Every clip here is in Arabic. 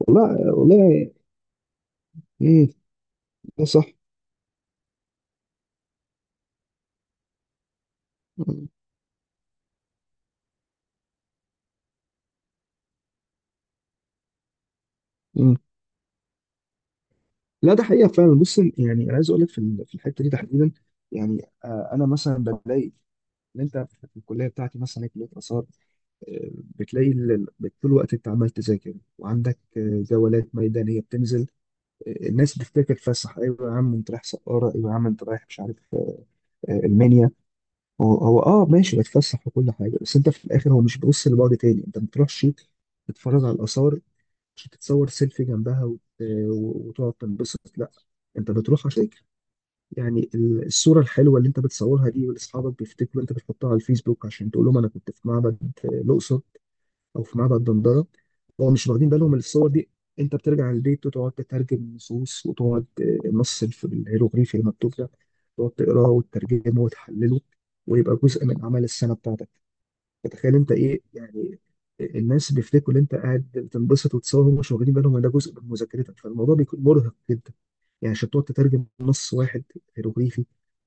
والله والله. مم. ده صح. مم. مم. لا، ده حقيقة فعلا. بص، يعني أنا عايز أقول لك في الحتة دي تحديدا. يعني أنا مثلا بلاقي إن أنت في الكلية بتاعتي مثلا، هي كلية آثار. بتلاقي طول الوقت أنت عمال تذاكر، وعندك جولات ميدانية بتنزل. الناس بتفتكر تفسح، أيوة يا عم أنت رايح سقارة، أيوة يا عم أنت رايح مش عارف، المنيا. هو هو أه ماشي، بتفسح وكل حاجة، بس أنت في الآخر هو مش بيبص لبعد تاني، أنت ما بتروحش تتفرج على الآثار، مش تتصور سيلفي جنبها وتقعد تنبسط، لا. انت بتروح عشان تفتكر. يعني الصوره الحلوه اللي انت بتصورها دي والاصحابك بيفتكروا، انت بتحطها على الفيسبوك عشان تقول لهم انا كنت في معبد الاقصر او في معبد دندره. هو مش واخدين بالهم من الصور دي. انت بترجع البيت وتقعد تترجم نصوص وتقعد، النص الهيروغليفي المكتوب ده تقعد تقراه وتترجمه وتحلله، ويبقى جزء من اعمال السنه بتاعتك. فتخيل انت ايه يعني. الناس بيفتكروا ان انت قاعد بتنبسط وتصور، هم مش واخدين بالهم ان ده جزء من مذاكرتك، فالموضوع بيكون مرهق جدا. يعني عشان تقعد تترجم نص واحد هيروغليفي،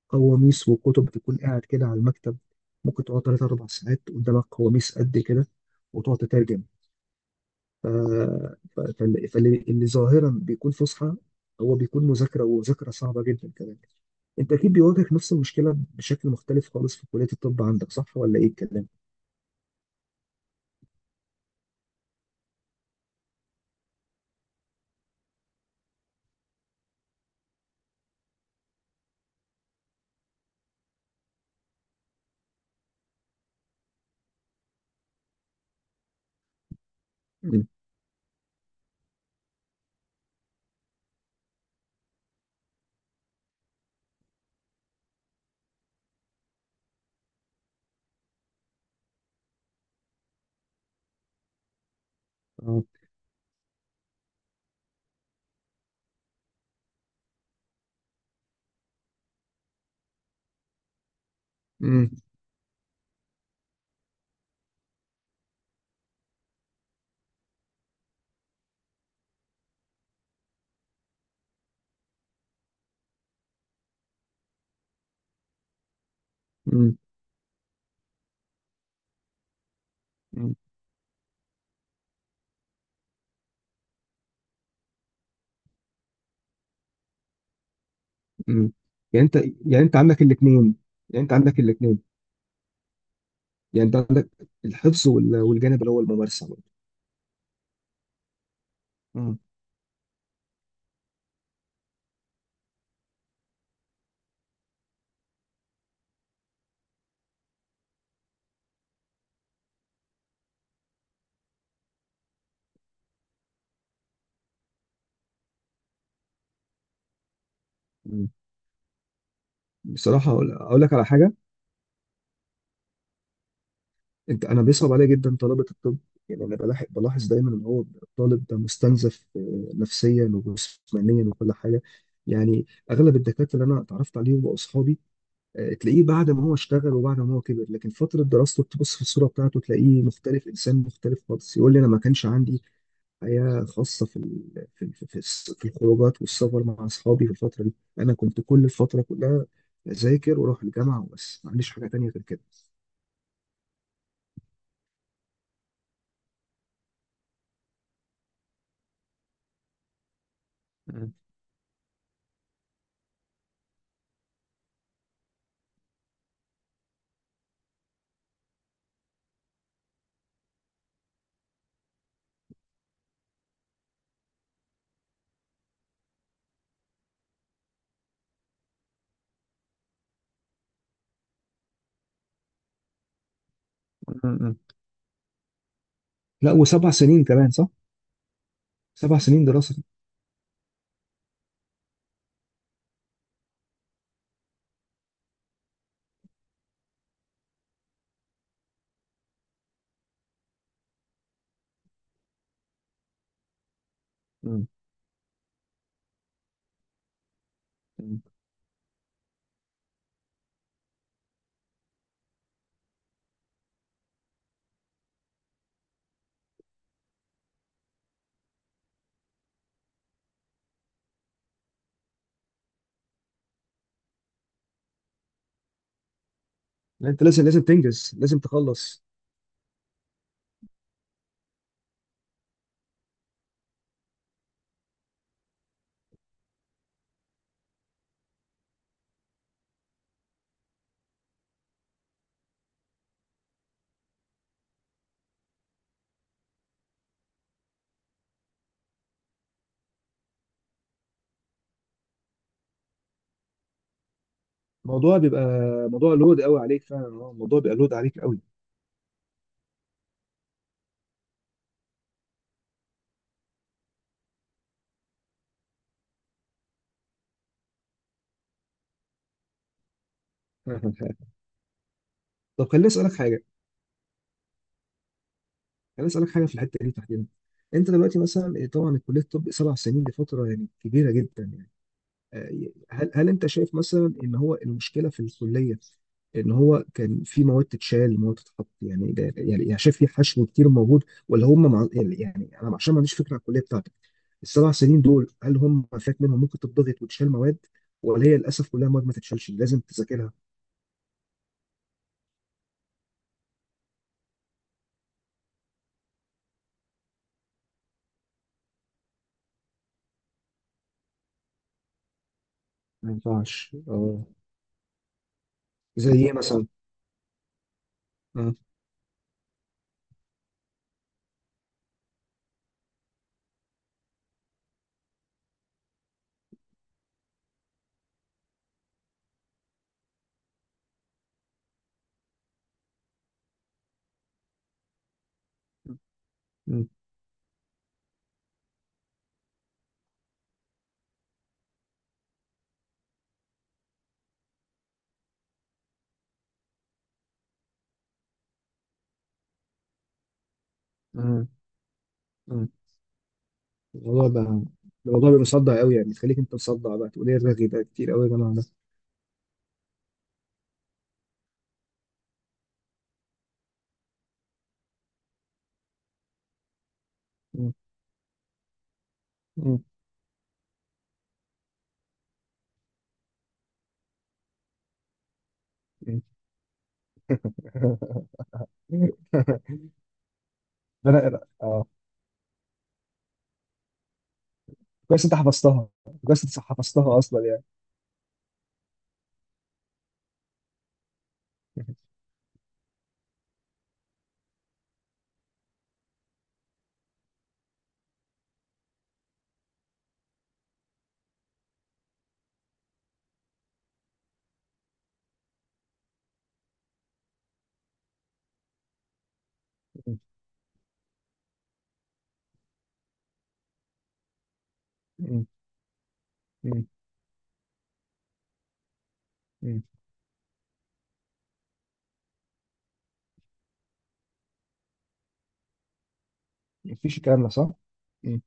قواميس وكتب تكون قاعد كده على المكتب، ممكن تقعد 3 4 ساعات قدامك قواميس قد كده وتقعد تترجم. ف... اللي ظاهرا بيكون فصحى هو بيكون مذاكرة، ومذاكرة صعبة جدا كمان. أنت أكيد بيواجهك نفس المشكلة بشكل مختلف خالص في كلية الطب، عندك صح ولا إيه الكلام؟ مم. اه. مم. مم. مم. يعني انت يعني انت عندك الاثنين. يعني انت عندك الاثنين. يعني انت عندك الحفظ والجانب اللي هو الممارسه برضه. مم. مم. بصراحه، أقول لك على حاجه. انت، انا بيصعب عليا جدا طلبه الطب. يعني انا بلاحظ دايما ان هو الطالب ده مستنزف، نفسيا وجسمانيا وكل حاجه. يعني اغلب الدكاتره اللي انا اتعرفت عليهم واصحابي، تلاقيه بعد ما هو اشتغل وبعد ما هو كبر، لكن فتره دراسته تبص في الصوره بتاعته تلاقيه مختلف، انسان مختلف خالص. يقول لي انا ما كانش عندي حياة خاصة في الخروجات والسفر مع أصحابي في الفترة دي. أنا كنت كل الفترة كلها أذاكر وأروح الجامعة وبس، ما عنديش حاجة تانية غير كده. مم. مم. مم. لا، وسبع سنين كمان، صح؟ 7 سنين دراسة. مم. مم. لا، أنت لازم، لازم تنجز، لازم تخلص. الموضوع بيبقى موضوع لود قوي عليك فعلا، اه، الموضوع بيبقى لود عليك قوي. طب، خليني أسألك حاجة. خليني أسألك حاجة في الحتة دي تحديدا. أنت دلوقتي مثلا إيه، طبعا كلية الطب 7 سنين دي فترة يعني كبيرة جدا يعني. هل انت شايف مثلا ان هو المشكله في الكليه، ان هو كان في مواد تتشال، مواد تتحط، يعني ده يعني شايف في حشو كتير موجود، ولا هم مع؟ يعني انا عشان ما عنديش فكره عن الكليه بتاعتك، ال7 سنين دول هل هم فات منهم، ممكن تضغط وتشال مواد، ولا هي للاسف كلها مواد ما تتشالش لازم تذاكرها؟ ما ينفعش، اه. زي ايه مثلا؟ اه. اه. اه. اه. الموضوع بقى الموضوع بيبقى مصدع قوي يعني، تخليك انت مصدع، بقى تقول ايه الرغي بقى كتير قوي يا جماعه ده. اه. اه. اه. ده انا اه، كويس انت حفظتها، كويس انت حفظتها اصلا يعني. م- م- م- مفيش الكلام ده صح؟ م.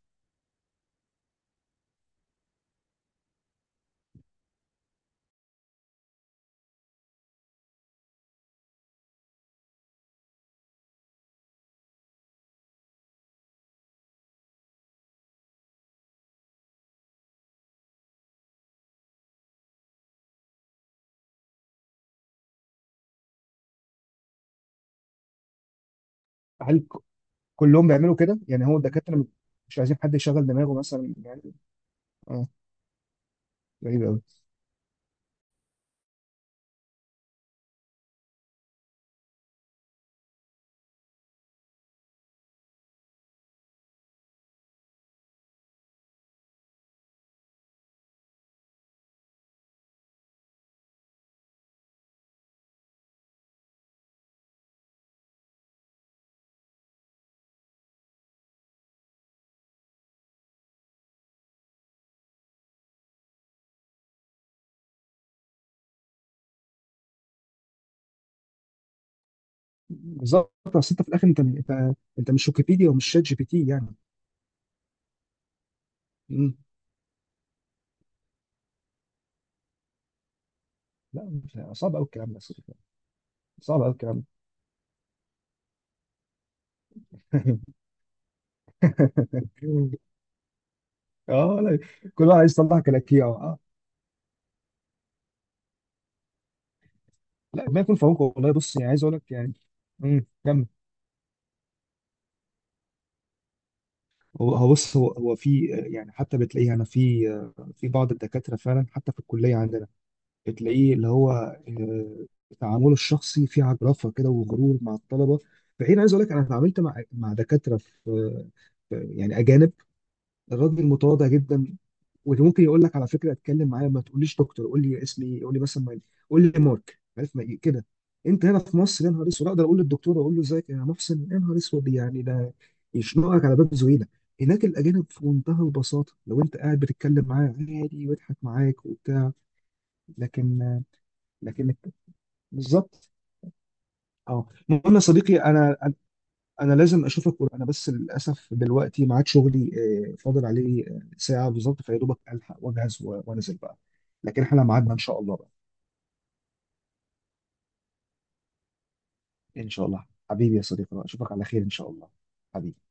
هل ك- كلهم بيعملوا كده؟ يعني هو الدكاترة مش عايزين حد يشغل دماغه مثلا يعني. اه، غريب قوي. بالظبط، بس انت في الاخر، انت مش ويكيبيديا ومش شات جي بي تي يعني. م. لا، مش صعب قوي الكلام ده. صعب قوي الكلام ده. اه، لا، كل واحد عايز يطلع كلاكيع، اه، آه. لا، ما يكون في عونكم والله. بص، يعني عايز اقول لك يعني. م، كمل. هو هو بص، هو هو في، يعني حتى بتلاقيه، انا في بعض الدكاتره فعلا، حتى في الكليه عندنا، بتلاقيه اللي هو، آه، تعامله الشخصي فيه عجرفه كده وغرور مع الطلبه. فحين عايز اقول لك انا اتعاملت مع دكاتره يعني اجانب. الراجل متواضع جدا، واللي ممكن يقول لك، على فكره اتكلم معايا ما تقوليش دكتور، قول لي اسمي ايه، قول لي مثلا قول لي مارك، عارف ما إيه كده. انت هنا في مصر يا نهار اسود اقدر اقول للدكتور، اقول له ازيك يا محسن؟ يا نهار اسود، يعني ده يشنقك على باب زويله. هناك الاجانب في منتهى البساطه، لو انت قاعد بتتكلم معاه عادي ويضحك معاك وبتاع. لكن لكن، بالظبط. اه، المهم يا صديقي، انا لازم اشوفك، انا بس للاسف دلوقتي ميعاد شغلي، فاضل عليه ساعه بالظبط، فيا دوبك الحق واجهز وانزل بقى. لكن احنا ميعادنا ان شاء الله بقى. ان شاء الله حبيبي يا صديقي، اشوفك على خير ان شاء الله. حبيبي.